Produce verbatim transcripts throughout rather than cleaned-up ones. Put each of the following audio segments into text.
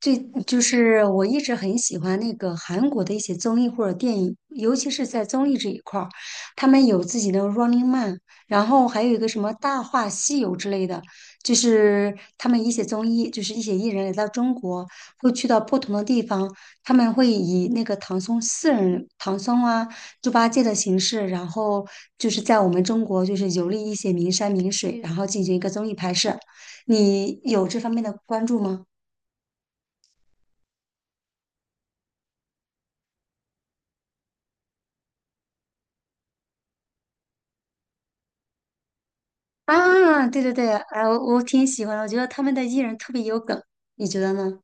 最就是我一直很喜欢那个韩国的一些综艺或者电影，尤其是在综艺这一块儿，他们有自己的 Running Man，然后还有一个什么《大话西游》之类的，就是他们一些综艺，就是一些艺人来到中国，会去到不同的地方，他们会以那个唐僧四人、唐僧啊、猪八戒的形式，然后就是在我们中国就是游历一些名山名水，然后进行一个综艺拍摄。你有这方面的关注吗？啊，对对对，啊，我我挺喜欢的，我觉得他们的艺人特别有梗，你觉得呢？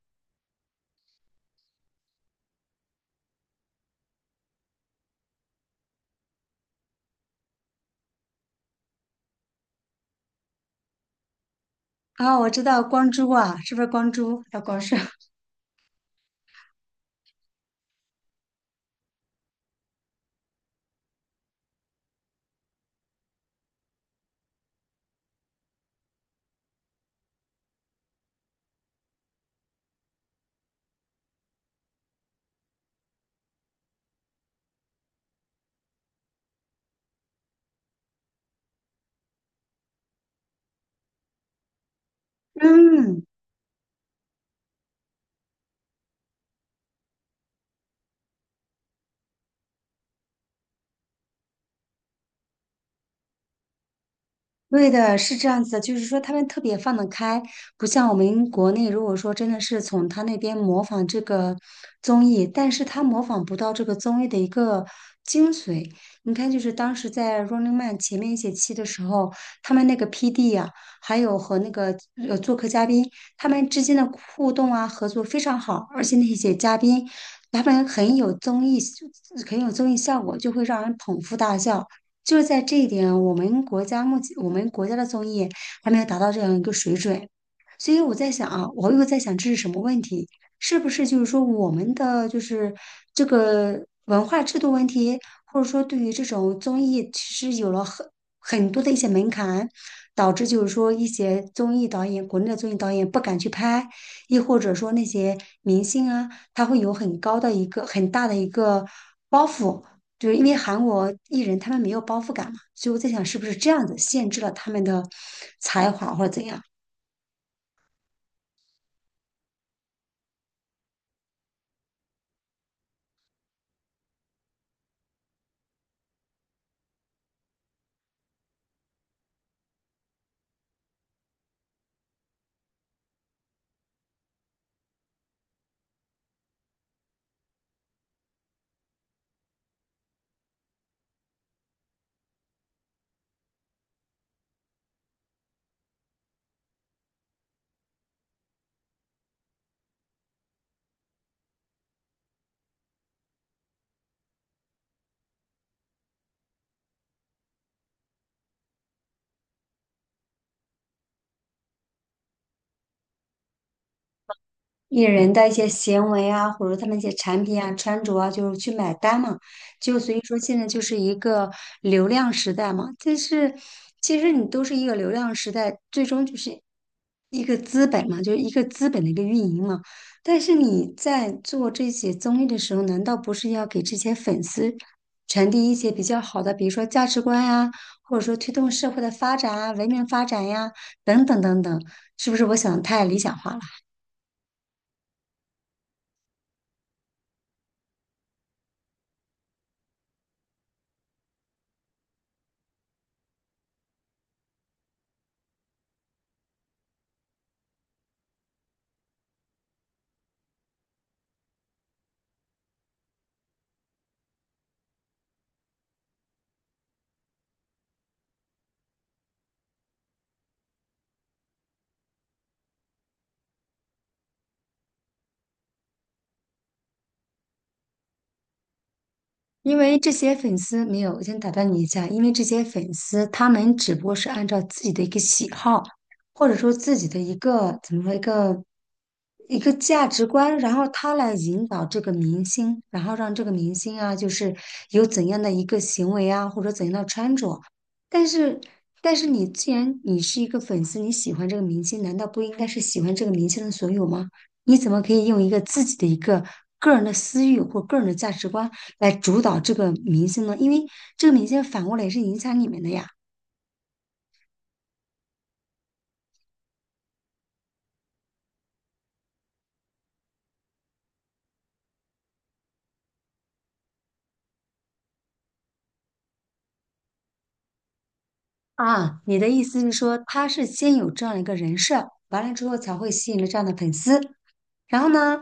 啊，我知道光洙啊，是不是光洙？还有光洙，嗯。对的，是这样子的，就是说他们特别放得开，不像我们国内，如果说真的是从他那边模仿这个综艺，但是他模仿不到这个综艺的一个精髓。你看，就是当时在《Running Man》前面一些期的时候，他们那个 P D 啊，还有和那个呃做客嘉宾，他们之间的互动啊，合作非常好，而且那些嘉宾他们很有综艺，很有综艺效果，就会让人捧腹大笑。就是在这一点，我们国家目前我们国家的综艺还没有达到这样一个水准，所以我在想啊，我又在想这是什么问题？是不是就是说我们的就是这个文化制度问题，或者说对于这种综艺其实有了很很多的一些门槛，导致就是说一些综艺导演，国内的综艺导演不敢去拍，亦或者说那些明星啊，他会有很高的一个很大的一个包袱。就是因为韩国艺人他们没有包袱感嘛，所以我在想是不是这样子限制了他们的才华或者怎样。艺人的一些行为啊，或者他们一些产品啊、穿着啊，就是去买单嘛。就所以说，现在就是一个流量时代嘛。但是，其实你都是一个流量时代，最终就是一个资本嘛，就是一个资本的一个运营嘛。但是你在做这些综艺的时候，难道不是要给这些粉丝传递一些比较好的，比如说价值观呀、或者说推动社会的发展啊、文明发展呀、等等等等？是不是我想得太理想化了？因为这些粉丝没有，我先打断你一下，因为这些粉丝他们只不过是按照自己的一个喜好，或者说自己的一个怎么说一个一个价值观，然后他来引导这个明星，然后让这个明星啊，就是有怎样的一个行为啊，或者怎样的穿着。但是，但是你既然你是一个粉丝，你喜欢这个明星，难道不应该是喜欢这个明星的所有吗？你怎么可以用一个自己的一个个人的私欲或个人的价值观？来主导这个明星呢？因为这个明星反过来也是影响你们的呀。啊，你的意思是说，他是先有这样一个人设，完了之后才会吸引了这样的粉丝，然后呢，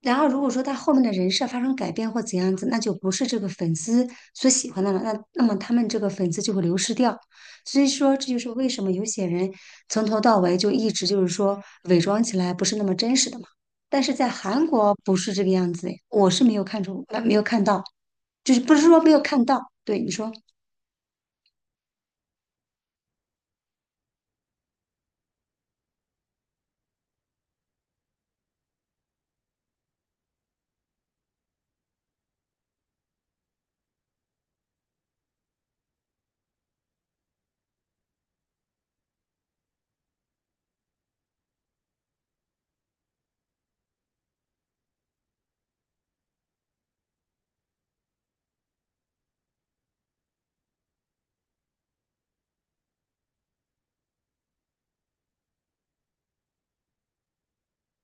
然后如果说他后面的人设发生改变或怎样子，那就不是这个粉丝所喜欢的了，那那么他们这个粉丝就会流失掉。所以说，这就是为什么有些人从头到尾就一直就是说伪装起来不是那么真实的嘛。但是在韩国不是这个样子，我是没有看出，呃没有看到，就是不是说没有看到，对你说。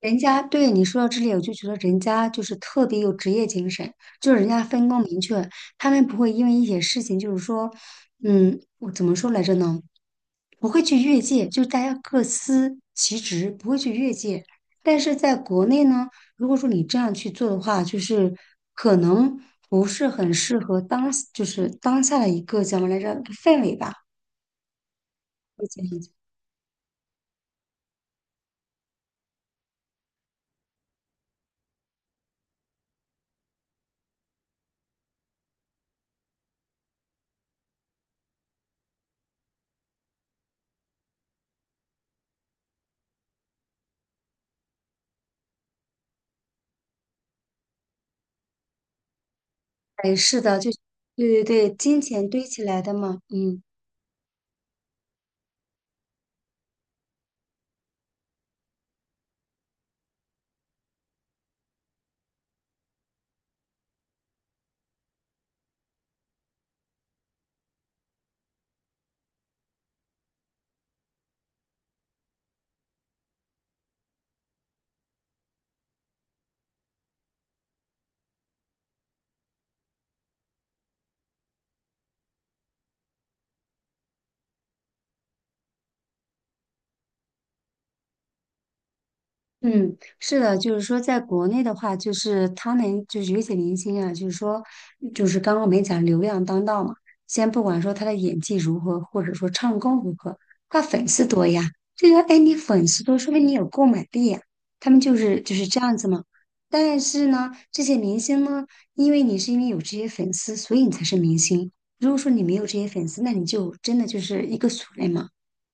人家对你说到这里，我就觉得人家就是特别有职业精神，就是人家分工明确，他们不会因为一些事情，就是说，嗯，我怎么说来着呢？不会去越界，就是大家各司其职，不会去越界。但是在国内呢，如果说你这样去做的话，就是可能不是很适合当，就是当下的一个怎么来着氛围吧。我觉得哎，是的，就对对对，金钱堆起来的嘛，嗯。嗯，是的，就是说，在国内的话，就是他们就是有一些明星啊，就是说，就是刚刚我们讲流量当道嘛，先不管说他的演技如何，或者说唱功如何，他粉丝多呀，这个哎，你粉丝多，说明你有购买力呀，他们就是就是这样子嘛。但是呢，这些明星呢，因为你是因为有这些粉丝，所以你才是明星。如果说你没有这些粉丝，那你就真的就是一个俗人嘛。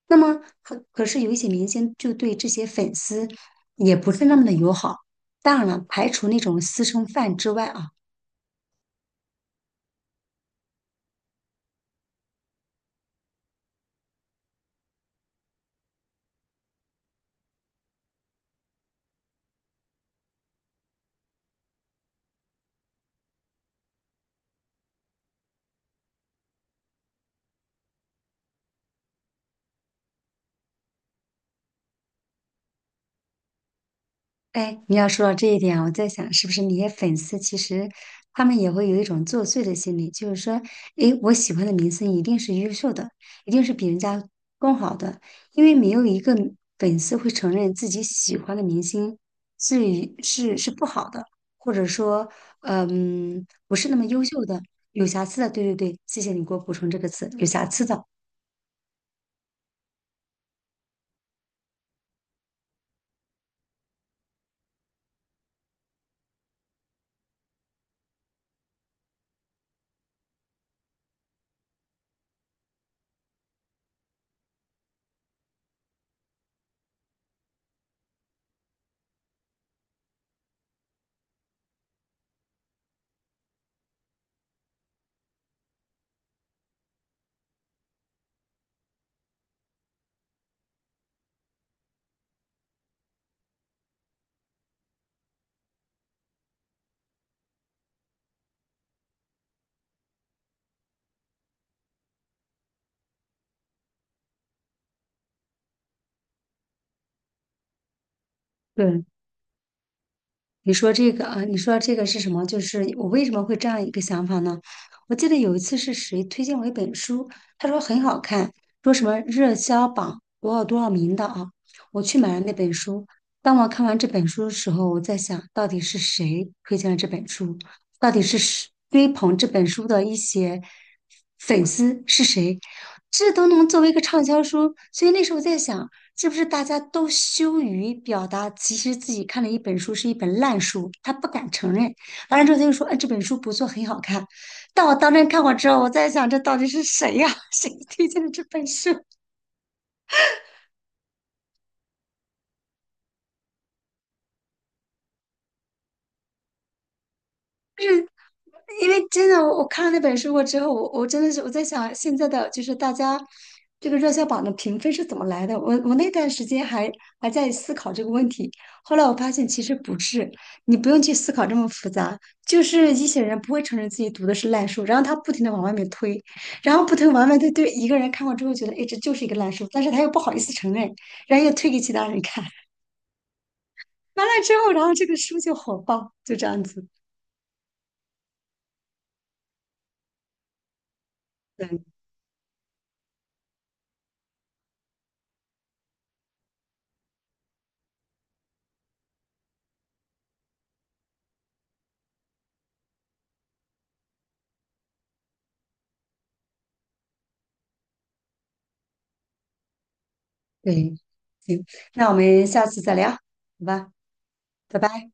那么可可是有一些明星就对这些粉丝也不是那么的友好。当然了，排除那种私生饭之外啊，哎，你要说到这一点啊，我在想，是不是那些粉丝其实他们也会有一种作祟的心理，就是说，哎，我喜欢的明星一定是优秀的，一定是比人家更好的，因为没有一个粉丝会承认自己喜欢的明星是一是是不好的，或者说，嗯，不是那么优秀的，有瑕疵的。对对对，谢谢你给我补充这个词，有瑕疵的。对，你说这个啊，你说这个是什么？就是我为什么会这样一个想法呢？我记得有一次是谁推荐我一本书，他说很好看，说什么热销榜多少多少名的啊。我去买了那本书。当我看完这本书的时候，我在想，到底是谁推荐了这本书？到底是谁追捧这本书的一些粉丝是谁？这都能作为一个畅销书，所以那时候我在想。是不是大家都羞于表达？其实自己看了一本书是一本烂书，他不敢承认。完了之后他就说：“哎，这本书不错，很好看。”但我当真看过之后，我在想，这到底是谁呀、谁推荐的这本书？因为真的，我我看了那本书过之后，我我真的是我在想，现在的就是大家这个热销榜的评分是怎么来的？我我那段时间还还在思考这个问题，后来我发现其实不是，你不用去思考这么复杂，就是一些人不会承认自己读的是烂书，然后他不停的往外面推，然后不停地往外面推，对一个人看过之后觉得，哎，这就是一个烂书，但是他又不好意思承认，然后又推给其他人看，完了之后，然后这个书就火爆，就这样子。对，行，那我们下次再聊，好吧，拜拜。